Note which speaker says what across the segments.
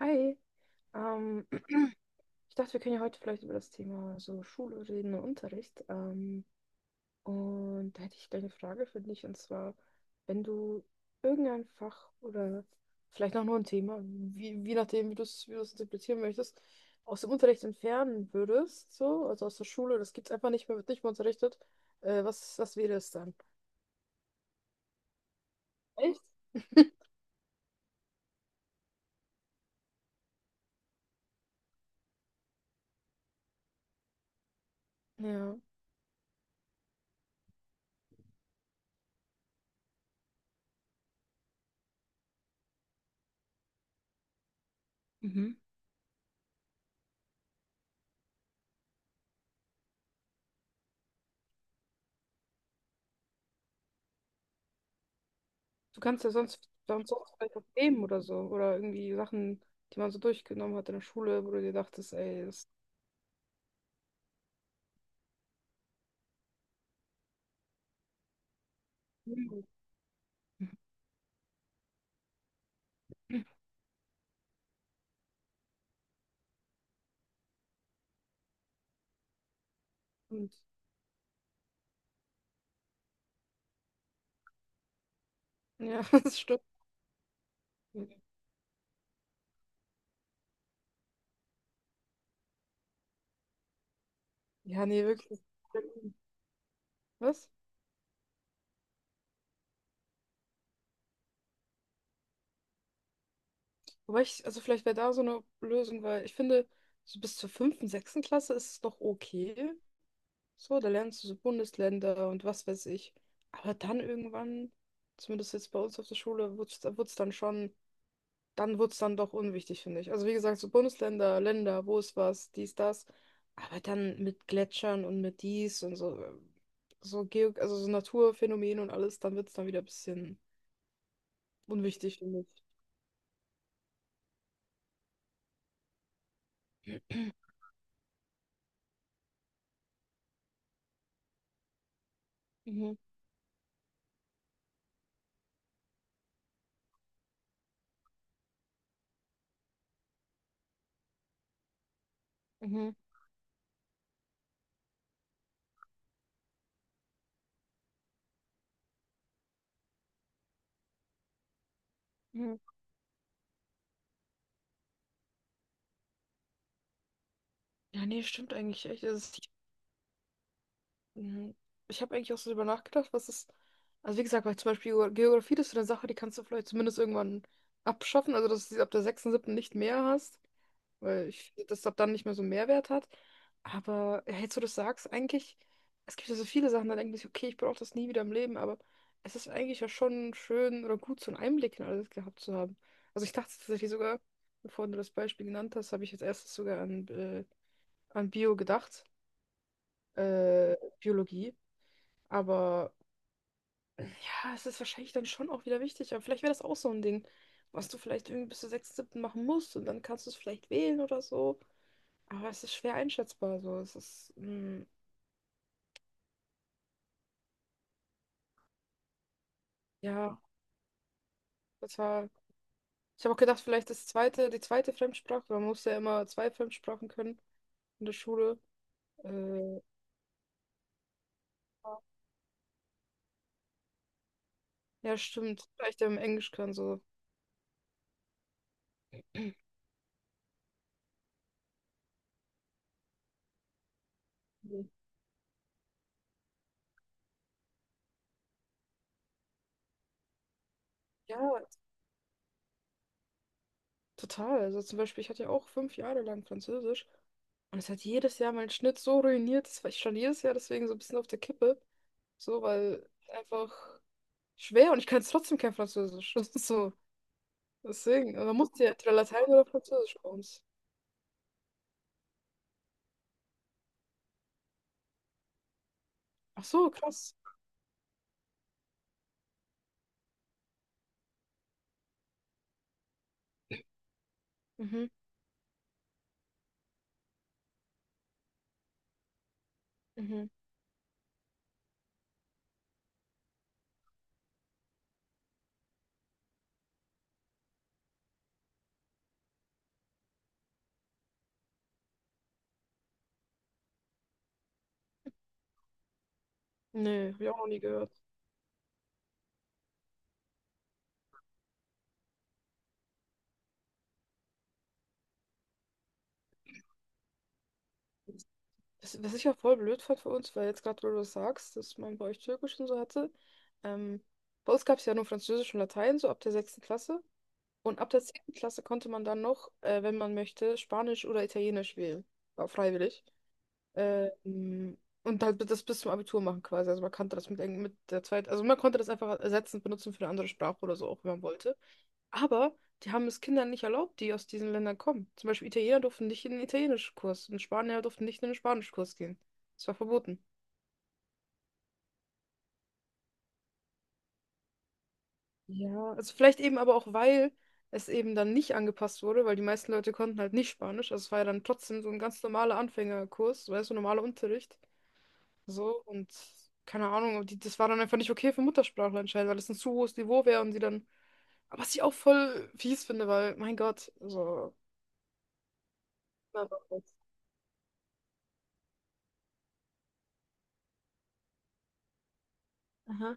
Speaker 1: Hi, ähm, ich dachte, wir können ja heute vielleicht über das Thema so Schule reden und Unterricht. Und da hätte ich gleich eine Frage für dich, und zwar, wenn du irgendein Fach oder vielleicht auch nur ein Thema, wie nachdem, wie du es interpretieren möchtest, aus dem Unterricht entfernen würdest, so, also aus der Schule, das gibt es einfach nicht mehr, wird nicht mehr unterrichtet, was wäre es dann? Echt? Ja. Du kannst ja sonst, sonst vielleicht auch Themen oder so. Oder irgendwie Sachen, die man so durchgenommen hat in der Schule, wo du dir dachtest, ey, das. Und ja, das stimmt. Ja, nee, wirklich. Was? Wobei ich, also vielleicht wäre da so eine Lösung, weil ich finde, so bis zur 5., 6. Klasse ist es noch okay. So, da lernst du so Bundesländer und was weiß ich. Aber dann irgendwann, zumindest jetzt bei uns auf der Schule, wurde es dann schon. Dann wird es dann doch unwichtig, finde ich. Also wie gesagt, so Bundesländer, Länder, wo ist was, dies, das. Aber dann mit Gletschern und mit dies und so, so Geo, also so Naturphänomen und alles, dann wird es dann wieder ein bisschen unwichtig, finde ich. Mhm, mhm, mhm. Ja, nee, stimmt eigentlich echt. Es. Mhm. Ich habe eigentlich auch so drüber nachgedacht, was ist. Also wie gesagt, weil zum Beispiel Geografie, das ist so eine Sache, die kannst du vielleicht zumindest irgendwann abschaffen, also dass du sie ab der 6., 7. nicht mehr hast, weil ich finde, dass das ab dann nicht mehr so einen Mehrwert hat. Aber ja, jetzt, wo du das sagst, eigentlich, es gibt ja so viele Sachen, da denkt man sich, okay, ich brauche das nie wieder im Leben, aber es ist eigentlich ja schon schön oder gut, so einen Einblick in alles gehabt zu haben. Also ich dachte tatsächlich sogar, bevor du das Beispiel genannt hast, habe ich als erstes sogar an Bio gedacht, Biologie. Aber ja, es ist wahrscheinlich dann schon auch wieder wichtig. Aber vielleicht wäre das auch so ein Ding, was du vielleicht irgendwie bis zur 6., 7. machen musst und dann kannst du es vielleicht wählen oder so. Aber es ist schwer einschätzbar. So. Es ist ja, das war. Ich habe auch gedacht, vielleicht das zweite, die zweite Fremdsprache. Man muss ja immer zwei Fremdsprachen können in der Schule. Äh, ja, stimmt. Vielleicht ja im Englisch kann so. Ja, total. Also zum Beispiel, ich hatte ja auch 5 Jahre lang Französisch. Und es hat jedes Jahr meinen Schnitt so ruiniert, das war ich schon jedes Jahr deswegen so ein bisschen auf der Kippe. So, weil einfach schwer und ich kann jetzt trotzdem kein Französisch. Das ist so. Deswegen, also man muss ja entweder Latein oder Französisch bei uns. Ach so, krass. Mhm, mhm. Nee, hab ich auch noch nie gehört. Was, was ich ja voll blöd fand für uns, weil jetzt gerade, wo du das sagst, dass man bei euch Türkisch und so hatte. Ähm, bei uns gab es ja nur Französisch und Latein, so ab der 6. Klasse. Und ab der 10. Klasse konnte man dann noch, wenn man möchte, Spanisch oder Italienisch wählen. War freiwillig. Ähm, und halt das bis zum Abitur machen quasi. Also man kannte das mit der zweiten, also man konnte das einfach ersetzend benutzen für eine andere Sprache oder so, auch wenn man wollte. Aber die haben es Kindern nicht erlaubt, die aus diesen Ländern kommen. Zum Beispiel Italiener durften nicht in den Italienischkurs und Spanier durften nicht in den Spanischkurs gehen. Das war verboten. Ja, also vielleicht eben aber auch, weil es eben dann nicht angepasst wurde, weil die meisten Leute konnten halt nicht Spanisch. Also es war ja dann trotzdem so ein ganz normaler Anfängerkurs, weißt du, normaler Unterricht. So, und keine Ahnung, aber die, das war dann einfach nicht okay für Muttersprachler anscheinend, weil das ein zu hohes Niveau wäre und sie dann. Aber was ich auch voll fies finde, weil, mein Gott, so. Na, war das. Aha.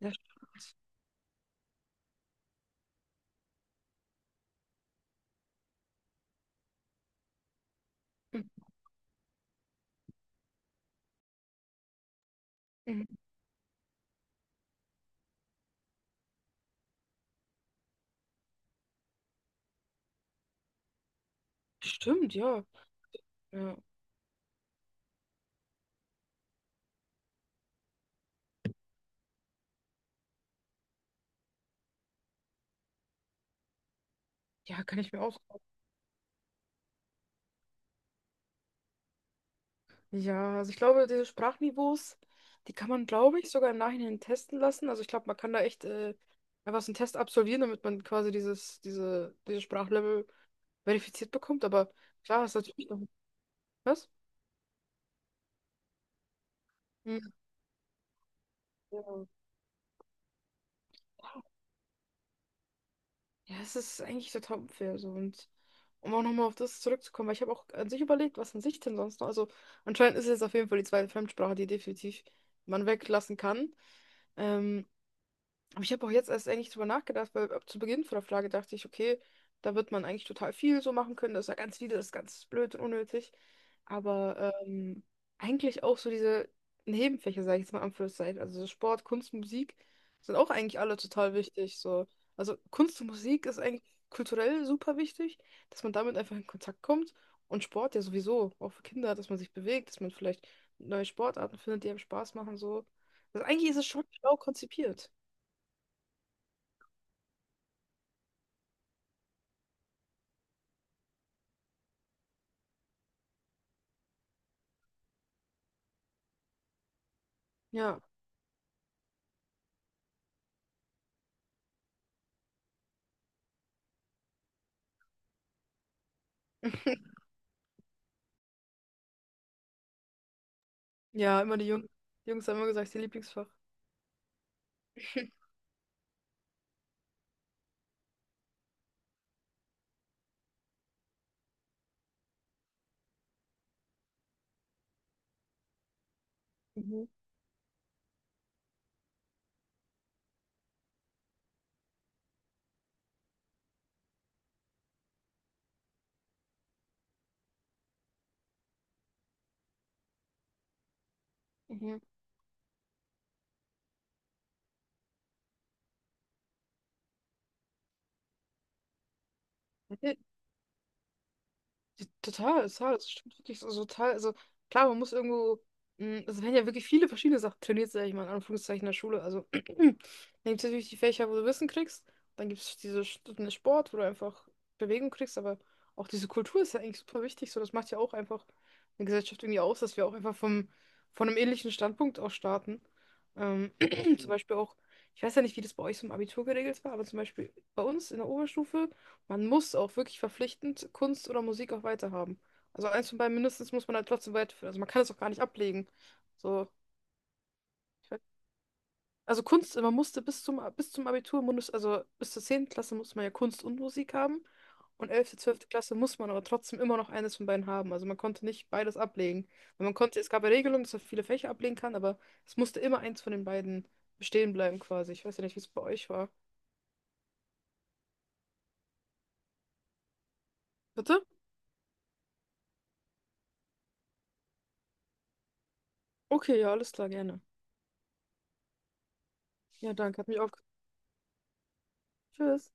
Speaker 1: Ja, stimmt. Mhm. Mhm. Stimmt, ja. Ja, ja, kann ich mir auch. Ja, also ich glaube, diese Sprachniveaus, die kann man, glaube ich, sogar im Nachhinein testen lassen. Also ich glaube, man kann da echt einfach so einen Test absolvieren, damit man quasi dieses Sprachlevel verifiziert bekommt. Aber klar, ist natürlich noch. Was? Mhm. Ja. Ja, es ist eigentlich total unfair so. Und um auch nochmal auf das zurückzukommen, weil ich habe auch an sich überlegt, was an sich denn sonst noch. Also anscheinend ist es jetzt auf jeden Fall die zweite Fremdsprache, die definitiv man weglassen kann. Ähm, aber ich habe auch jetzt erst eigentlich drüber nachgedacht, weil ab zu Beginn von der Frage dachte ich, okay, da wird man eigentlich total viel so machen können. Das ist ja ganz wieder das ist ganz blöd und unnötig. Aber eigentlich auch so diese Nebenfächer, sage ich jetzt mal in Anführungszeichen, also so Sport, Kunst, Musik, sind auch eigentlich alle total wichtig. So. Also Kunst und Musik ist eigentlich kulturell super wichtig, dass man damit einfach in Kontakt kommt. Und Sport ja sowieso, auch für Kinder, dass man sich bewegt, dass man vielleicht neue Sportarten findet, die einem Spaß machen. So. Also eigentlich ist es schon schlau konzipiert. Ja. Ja, immer die Jungs. Die Jungs haben immer gesagt, das ist ihr Lieblingsfach. Mhm. Mhm. Ja, total, total, das stimmt wirklich so, so total. Also klar, man muss irgendwo, es werden ja wirklich viele verschiedene Sachen trainiert, sag ich mal, in Anführungszeichen in der Schule. Also dann gibt es natürlich die Fächer, wo du Wissen kriegst, dann gibt es diese Stunden Sport, wo du einfach Bewegung kriegst, aber auch diese Kultur ist ja eigentlich super wichtig. So, das macht ja auch einfach eine Gesellschaft irgendwie aus, dass wir auch einfach von einem ähnlichen Standpunkt aus starten. Ähm, zum Beispiel auch, ich weiß ja nicht, wie das bei euch so im Abitur geregelt war, aber zum Beispiel bei uns in der Oberstufe. Man muss auch wirklich verpflichtend Kunst oder Musik auch weiterhaben. Also eins von beiden mindestens muss man halt trotzdem weiterführen. Also man kann es auch gar nicht ablegen. So, ich weiß- also Kunst, man musste bis zum Abitur, also bis zur 10. Klasse musste man ja Kunst und Musik haben. Und 11. 12. Klasse muss man aber trotzdem immer noch eines von beiden haben. Also man konnte nicht beides ablegen. Weil man konnte, es gab ja Regelungen, dass man viele Fächer ablegen kann, aber es musste immer eins von den beiden bestehen bleiben quasi. Ich weiß ja nicht, wie es bei euch war. Bitte? Okay, ja, alles klar, gerne. Ja, danke, hat mich auch. Tschüss.